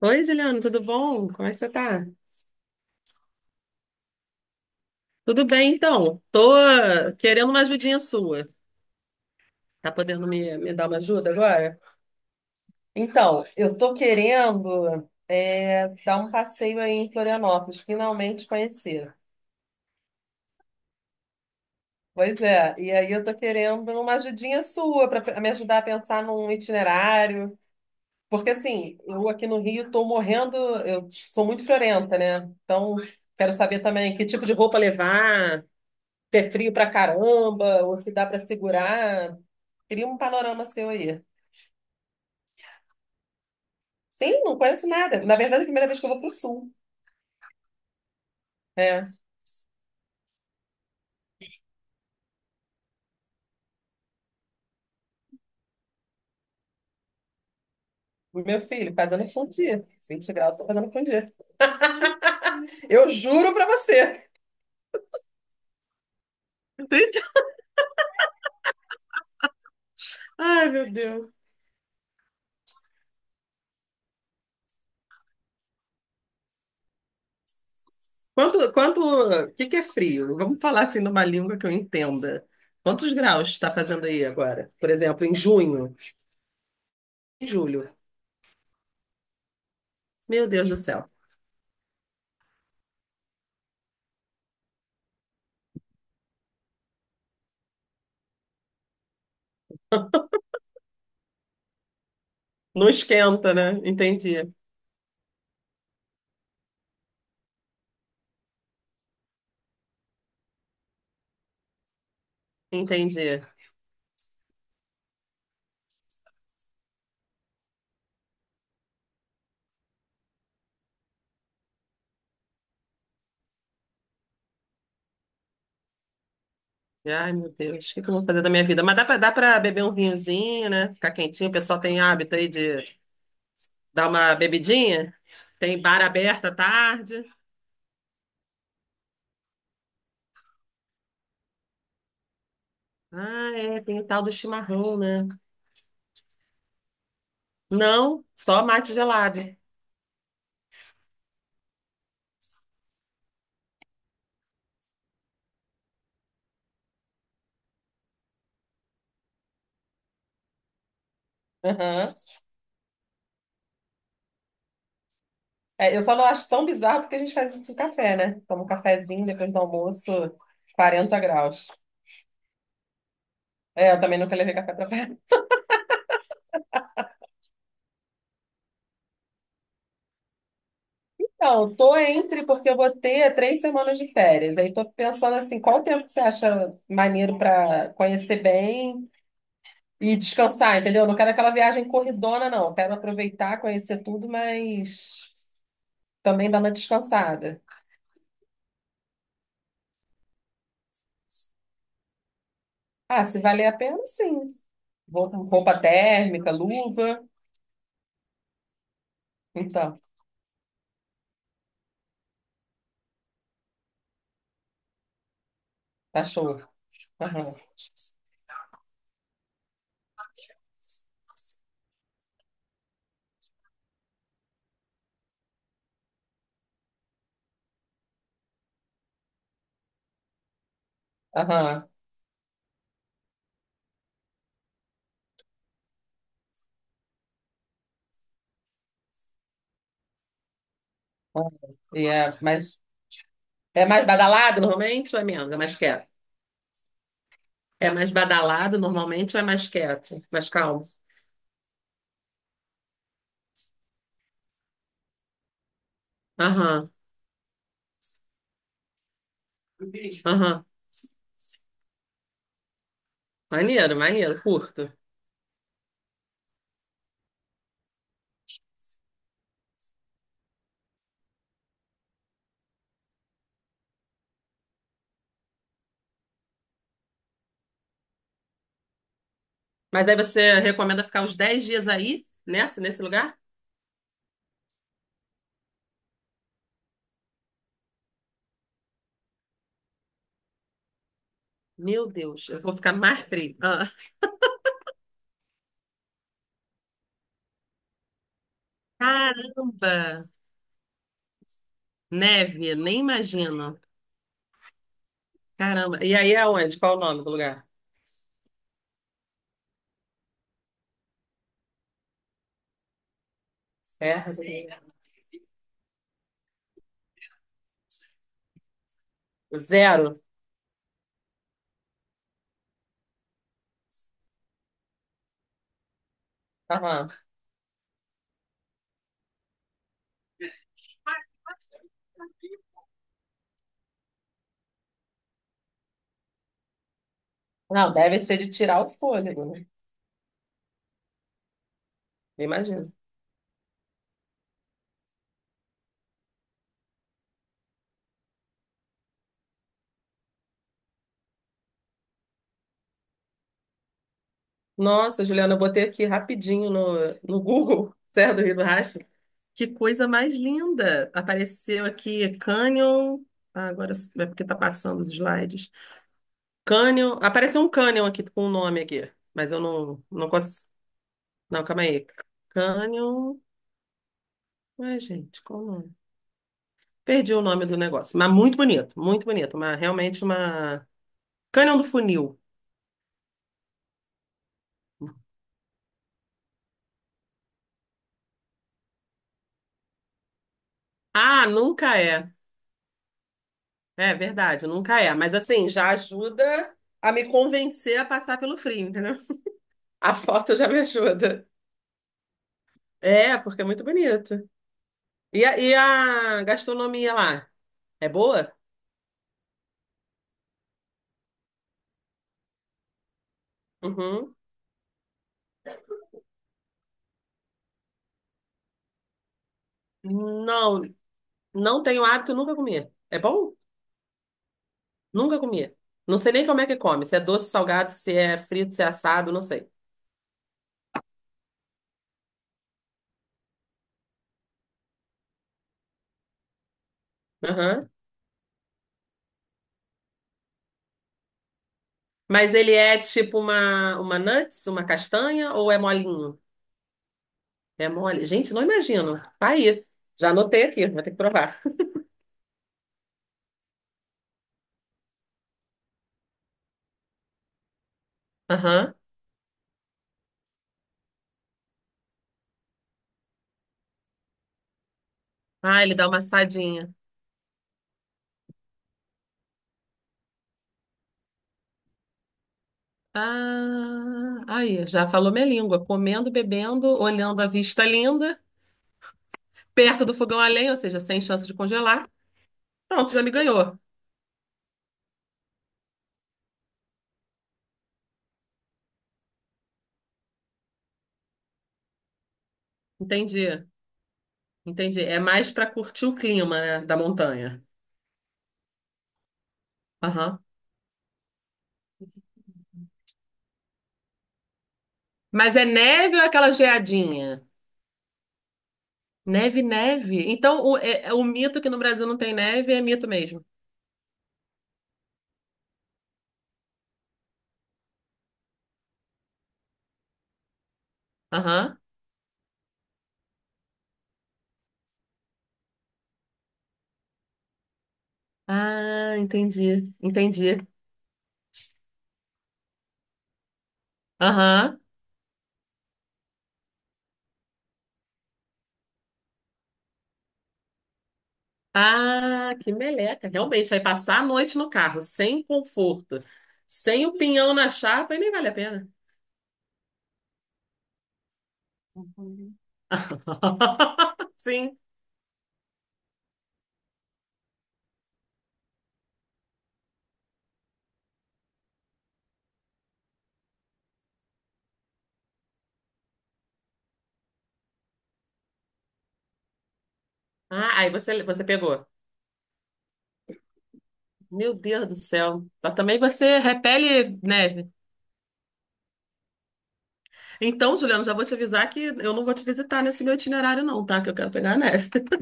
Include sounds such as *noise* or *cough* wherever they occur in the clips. Oi, Juliana, tudo bom? Como é que você tá? Tudo bem, então. Tô querendo uma ajudinha sua. Tá podendo me dar uma ajuda agora? Então, eu tô querendo dar um passeio aí em Florianópolis, finalmente conhecer. Pois é, e aí eu tô querendo uma ajudinha sua para me ajudar a pensar num itinerário. Porque assim, eu aqui no Rio tô morrendo, eu sou muito friorenta, né? Então, quero saber também que tipo de roupa levar, se é frio pra caramba, ou se dá pra segurar. Queria um panorama seu aí. Sim, não conheço nada. Na verdade, é a primeira vez que eu vou pro sul, né? O meu filho, fazendo fundir. 20 graus, tô fazendo fundir. Eu juro pra você. *laughs* Entende? Ai, meu Deus. O que que é frio? Vamos falar assim numa língua que eu entenda. Quantos graus está fazendo aí agora? Por exemplo, em junho, em julho. Meu Deus do céu. Não esquenta, né? Entendi, entendi. Ai, meu Deus, o que que eu vou fazer da minha vida? Mas dá pra beber um vinhozinho, né? Ficar quentinho. O pessoal tem hábito aí de dar uma bebidinha. Tem bar aberto à tarde. Ah, é, tem o tal do chimarrão, né? Não, só mate gelado. Aham. É, eu só não acho tão bizarro porque a gente faz isso com café, né? Toma um cafezinho depois do almoço, 40 graus. É, eu também nunca levei café pra Não, tô entre porque eu vou ter 3 semanas de férias. Aí tô pensando assim, qual o tempo que você acha maneiro para conhecer bem e descansar, entendeu? Não quero aquela viagem corridona, não. Quero aproveitar, conhecer tudo, mas também dar uma descansada. Ah, se valer a pena, sim. Vou com roupa térmica, luva. Então, tá show. Aham, aham. Aham. E é mais badalado normalmente ou é menos? É mais quieto. É mais badalado normalmente ou é mais quieto? Mais calmo? Aham, aham. Maneiro, maneiro, curto. Mas aí você recomenda ficar uns 10 dias aí, nesse lugar? Meu Deus, eu vou ficar mais frio. Ah, Caramba! Neve, nem imagino. Caramba. E aí é onde? Qual o nome do lugar? Serra? Do- Zero? Aham. Não, deve ser de tirar o fôlego, né? Imagino. Nossa, Juliana, eu botei aqui rapidinho no Google, *laughs* Serra do Rio do Que coisa mais linda! Apareceu aqui Canyon. Ah, agora s- é porque tá passando os slides. Canyon. Apareceu um Canyon aqui com o um nome aqui, mas eu não consigo. Não, calma aí. Canyon. Ué, gente, qual o nome? Perdi o nome do negócio, mas muito bonito, muito bonito. Uma, realmente uma. Canyon do Funil. Ah, nunca é. É verdade, nunca é. Mas assim, já ajuda a me convencer a passar pelo frio, entendeu? *laughs* A foto já me ajuda. É, porque é muito bonito. E a gastronomia lá? É boa? Uhum. Não, não tenho hábito, nunca comi. É bom? Nunca comi. Não sei nem como é que come. Se é doce, salgado, se é frito, se é assado, não sei. Aham. Mas ele é tipo uma nuts, uma castanha ou é molinho? É mole. Gente, não imagino. Tá aí. Já anotei aqui, vou ter que provar. Aham. Ah, ele dá uma assadinha. Ah, aí, já falou minha língua. Comendo, bebendo, olhando a vista linda. Perto do fogão a lenha, ou seja, sem chance de congelar. Pronto, já me ganhou. Entendi, entendi. É mais para curtir o clima, né, da montanha. Aham. Mas é neve ou é aquela geadinha? Neve, neve. Então, é- é o mito que no Brasil não tem neve é mito mesmo. Aham. Ah, entendi, entendi. Aham. Ah, que meleca. Realmente, vai passar a noite no carro, sem conforto, sem o pinhão na chapa, e nem vale a pena. Uhum. *laughs* Sim. Ah, aí você pegou. Meu Deus do céu. Mas também você repele neve. Então, Juliano, já vou te avisar que eu não vou te visitar nesse meu itinerário, não, tá? Que eu quero pegar a neve. *laughs*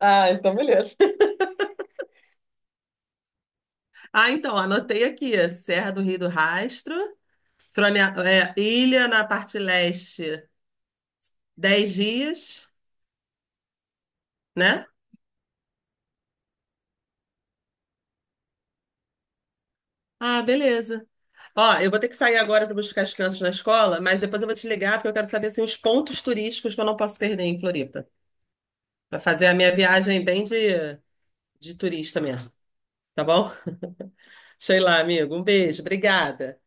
Ah, então beleza. Ah, então, anotei aqui: Serra do Rio do Rastro, Frone- é, Ilha na parte leste, 10 dias, né? Ah, beleza. Ó, eu vou ter que sair agora para buscar as crianças na escola, mas depois eu vou te ligar porque eu quero saber assim, os pontos turísticos que eu não posso perder em Floripa, para fazer a minha viagem bem de turista mesmo, tá bom? Sei lá, amigo. Um beijo, obrigada.